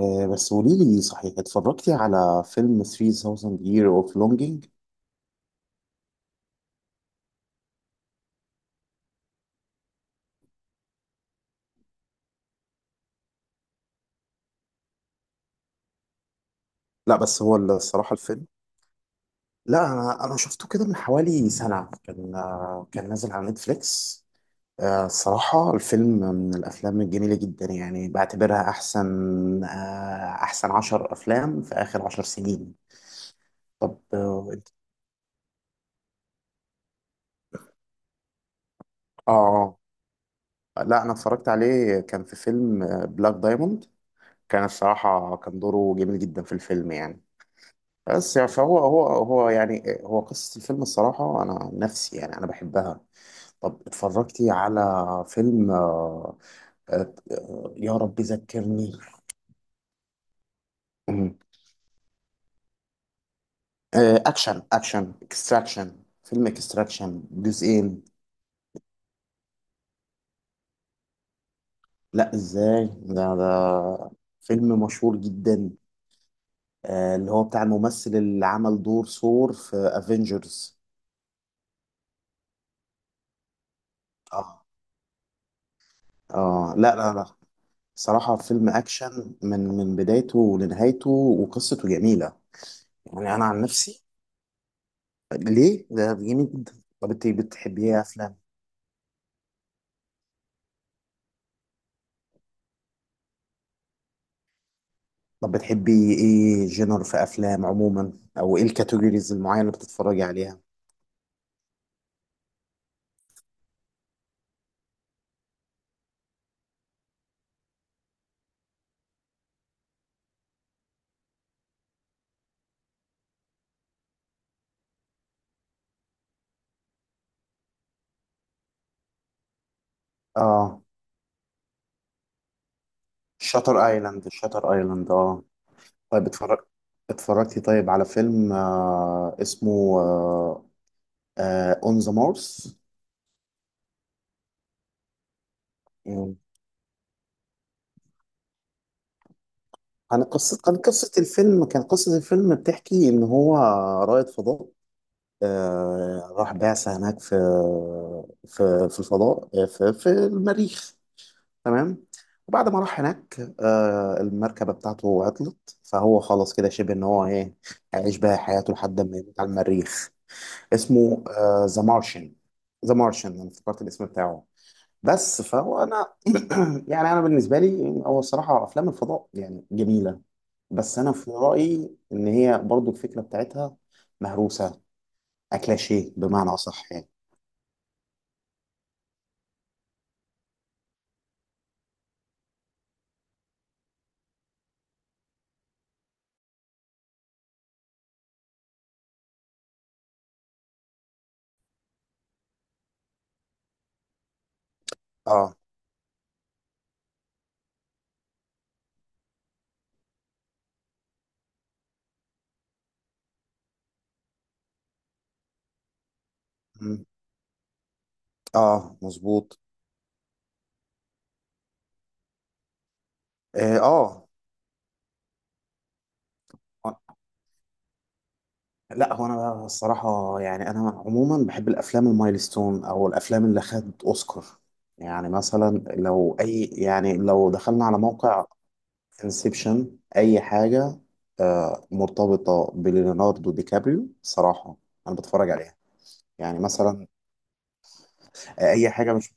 بس قولي لي صحيح اتفرجتي على فيلم 3000 Year of Longing؟ لا بس هو الصراحة الفيلم. لا أنا شفته كده من حوالي سنة. كان نازل على نتفليكس. الصراحة الفيلم من الأفلام الجميلة جدا، يعني بعتبرها أحسن عشر أفلام في آخر عشر سنين. طب آه لا أنا اتفرجت عليه، كان في فيلم بلاك دايموند. كان الصراحة كان دوره جميل جدا في الفيلم يعني. بس يعني فهو هو هو يعني هو قصة الفيلم، الصراحة أنا عن نفسي يعني أنا بحبها. طب اتفرجتي على فيلم، يا رب ذكرني. مم. أكشن فيلم إكستراكشن جزئين. لا إزاي؟ ده فيلم مشهور جدا. اللي هو بتاع الممثل اللي عمل دور ثور في افنجرز. اه اه. لا لا لا، صراحة فيلم أكشن من بدايته لنهايته وقصته جميلة. يعني أنا عن نفسي، ليه؟ ده جميل جدا. طب أنت بتحبي إيه أفلام؟ طب بتحبي إيه جنر في أفلام عموما؟ أو إيه الكاتيجوريز المعينة اللي بتتفرجي عليها؟ آه شاتر أيلاند، شاتر أيلاند طيب. اتفرجتي طيب على فيلم، اسمه أون ذا مارس. كان قصة الفيلم بتحكي إن هو رائد فضاء. راح بعثة هناك في الفضاء، في المريخ. تمام. وبعد ما راح هناك المركبة بتاعته عطلت، فهو خلاص كده شبه ان هو ايه، هيعيش بقى حياته لحد ما يموت على المريخ. اسمه ذا مارشن. ذا مارشن، انا افتكرت الاسم بتاعه. بس فهو انا يعني انا بالنسبة لي هو الصراحة افلام الفضاء يعني جميلة. بس انا في رأيي ان هي برضو الفكرة بتاعتها مهروسة، اكلاشيه بمعنى اصح يعني. اه. مم. اه مظبوط. اه لا هو انا بقى الصراحه، يعني انا عموما بحب الافلام المايلستون او الافلام اللي خد اوسكار. يعني مثلا لو اي يعني لو دخلنا على موقع. انسبشن، اي حاجه مرتبطه بليوناردو دي كابريو صراحه، انا بتفرج عليها. يعني مثلا. اي حاجه مش.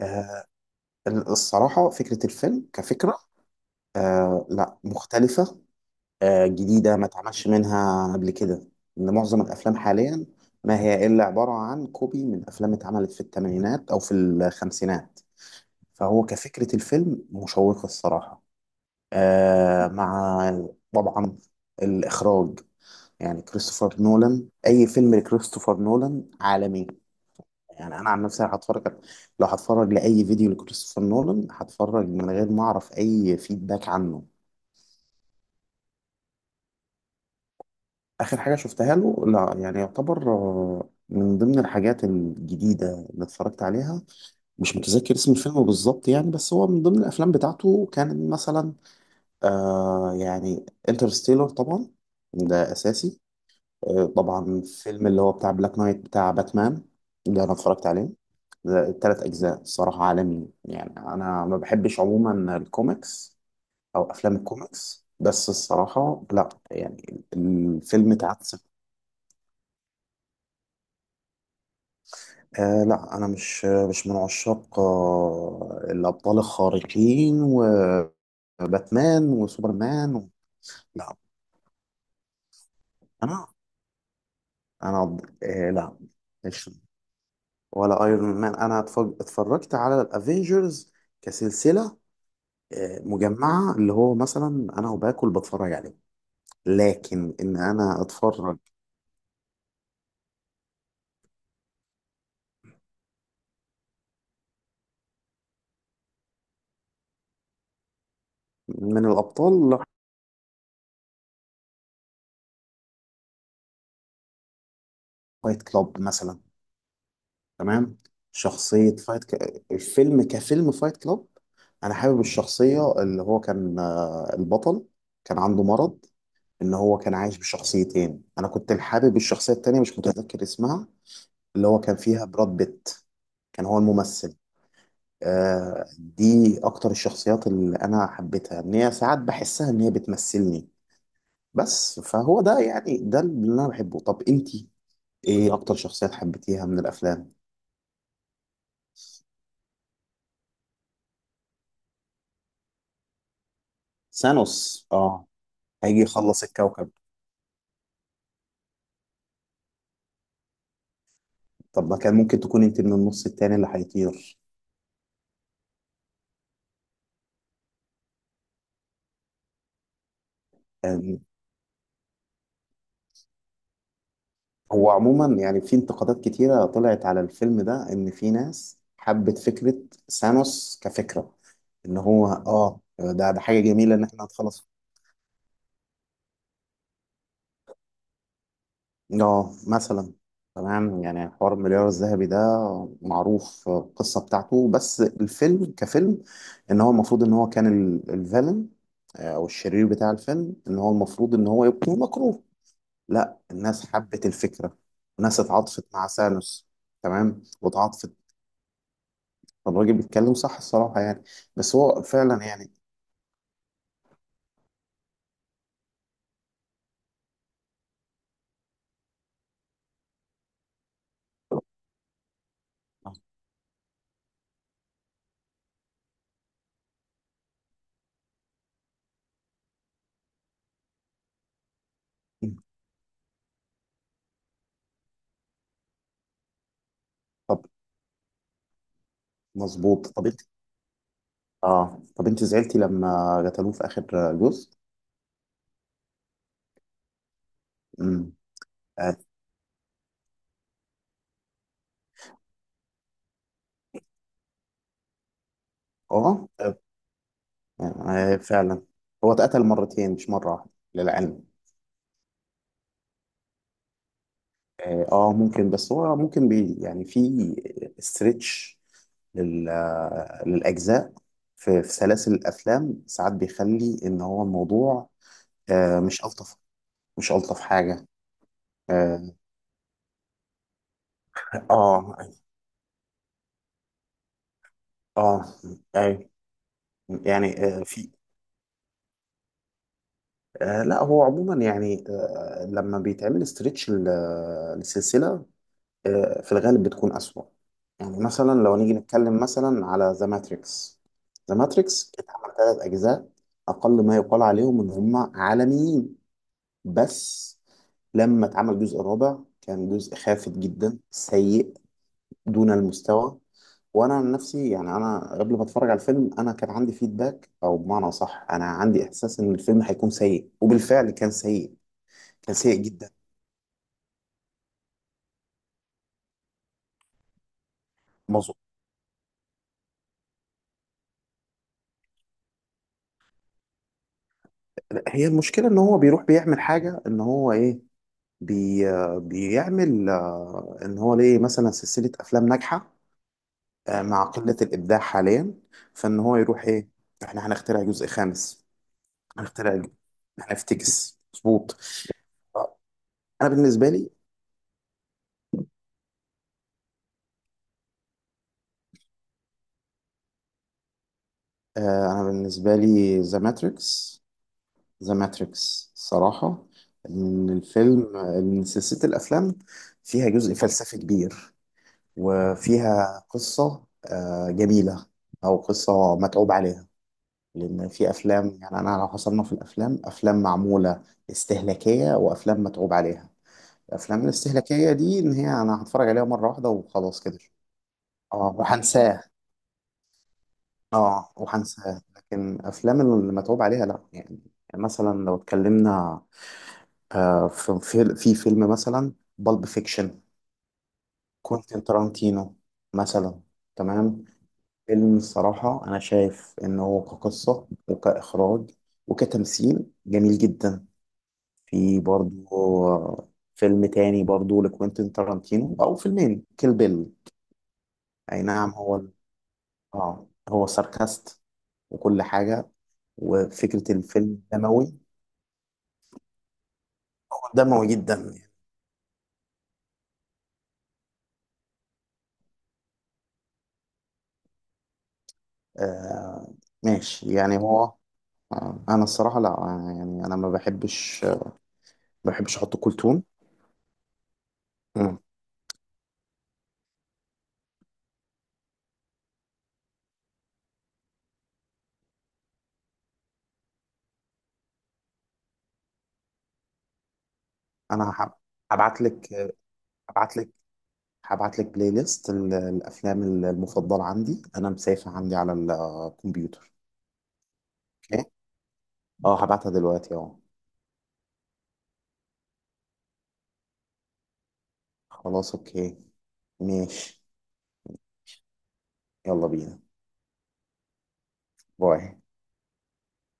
آه الصراحه فكره الفيلم كفكره. لا، مختلفه. جديدة ما اتعملش منها قبل كده. إن معظم الأفلام حاليا ما هي إلا عبارة عن كوبي من أفلام اتعملت في الثمانينات أو في الخمسينات. فهو كفكرة الفيلم مشوقة الصراحة. مع طبعا الإخراج، يعني كريستوفر نولان، أي فيلم لكريستوفر نولان عالمي. يعني أنا عن نفسي لو هتفرج لأي فيديو لكريستوفر نولان هتفرج من غير ما أعرف أي فيدباك عنه. آخر حاجة شفتها له لا يعني يعتبر من ضمن الحاجات الجديدة اللي اتفرجت عليها. مش متذكر اسم الفيلم بالظبط يعني، بس هو من ضمن الأفلام بتاعته كان مثلا يعني انترستيلر طبعا، ده أساسي. طبعا فيلم اللي هو بتاع بلاك نايت بتاع باتمان، ده أنا اتفرجت عليه. ده التلات أجزاء الصراحة عالمي، يعني أنا ما بحبش عموما الكوميكس أو أفلام الكوميكس، بس الصراحة لا يعني الفيلم اتعكس. لا أنا مش من عشاق الأبطال الخارقين وباتمان وسوبرمان و... لا أنا أنا لا، مش، ولا أيرون مان. أنا اتفرجت على الأفينجرز كسلسلة. مجمعة، اللي هو مثلا أنا وباكل بتفرج عليه، لكن إن أنا أتفرج. من الأبطال لا. فايت كلاب مثلا، تمام. شخصية الفيلم كفيلم فايت كلاب، أنا حابب الشخصية اللي هو كان البطل، كان عنده مرض إن هو كان عايش بشخصيتين. أنا كنت حابب الشخصية التانية، مش متذكر اسمها، اللي هو كان فيها براد بيت كان هو الممثل. دي أكتر الشخصيات اللي أنا حبيتها، إن هي ساعات بحسها إن هي بتمثلني. بس فهو ده، يعني ده اللي أنا بحبه. طب إنتي إيه أكتر شخصيات حبيتيها من الأفلام؟ ثانوس اه. هيجي يخلص الكوكب. طب ما كان ممكن تكون انت من النص التاني اللي هيطير؟ أم، هو عموما يعني في انتقادات كتيرة طلعت على الفيلم ده، ان في ناس حبت فكرة ثانوس كفكرة، ان هو ده حاجة جميلة ان احنا هنخلص. اه مثلا. تمام، يعني حوار المليار الذهبي ده معروف القصة بتاعته. بس الفيلم كفيلم، ان هو المفروض ان هو كان الفيلن او الشرير بتاع الفيلم، ان هو المفروض ان هو يكون مكروه، لا الناس حبت الفكرة. الناس اتعاطفت مع سانوس، تمام. واتعاطفت. طب الراجل بيتكلم صح الصراحة يعني. بس هو فعلا يعني. طب مظبوط. طب انت، اه طب انت زعلتي لما قتلوه في اخر جزء؟ امم. اه آه. فعلا. هو اتقتل مرتين مش مرة واحدة للعلم. اه ممكن، بس هو ممكن يعني في استرتش لل للاجزاء. في سلاسل الافلام ساعات بيخلي ان هو الموضوع مش الطف، مش الطف حاجه. اه اه. آه، اي يعني في لا هو عموما يعني لما بيتعمل استرتش لسلسله في الغالب بتكون أسوأ. يعني مثلا لو نيجي نتكلم مثلا على ذا ماتريكس. ذا ماتريكس اتعمل ثلاث أجزاء، أقل ما يقال عليهم إن هم عالميين. بس لما اتعمل الجزء الرابع كان جزء خافت جدا، سيء، دون المستوى. وانا عن نفسي يعني، انا قبل ما اتفرج على الفيلم انا كان عندي فيدباك، او بمعنى صح انا عندي احساس ان الفيلم هيكون سيء، وبالفعل كان سيء. كان سيء جدا. مظبوط. هي المشكله ان هو بيروح بيعمل حاجه ان هو ايه، بي بيعمل ان هو ليه مثلا سلسله افلام ناجحه مع قله الابداع حاليا، فان هو يروح ايه، احنا هنخترع جزء خامس. هنخترع ج- هنفتكس مظبوط. آه، انا بالنسبه لي، انا بالنسبه لي ذا ماتريكس. ذا ماتريكس صراحه، ان سلسله الافلام فيها جزء فلسفي كبير، وفيها قصه جميله، او قصه متعوب عليها. لأن في أفلام يعني، أنا لو حصلنا في الأفلام أفلام معمولة استهلاكية وأفلام متعوب عليها. الأفلام الاستهلاكية دي إن هي أنا هتفرج عليها مرة واحدة وخلاص كده، اه وهنساه. اه وهنساه. لكن أفلام اللي متعوب عليها لأ يعني، مثلا لو اتكلمنا في فيلم مثلا بالب فيكشن، كوينتين تارانتينو مثلا، تمام. فيلم الصراحة أنا شايف إنه كقصة وكإخراج وكتمثيل جميل جدا. في برضو فيلم تاني برضو لكوينتين تارانتينو، او فيلمين، كيل بيل. اي نعم. هو ساركاست وكل حاجة، وفكرة الفيلم دموي، دموي جدا يعني. آه ماشي يعني هو. انا الصراحة لا، يعني انا ما بحبش احط كولتون. مم. انا هبعت لك هبعت لك هبعت لك بلاي ليست الافلام المفضلة عندي، انا مسافة عندي على الكمبيوتر. اوكي. اه، هبعتها دلوقتي اهو. خلاص، اوكي. ماشي. يلا بينا. باي.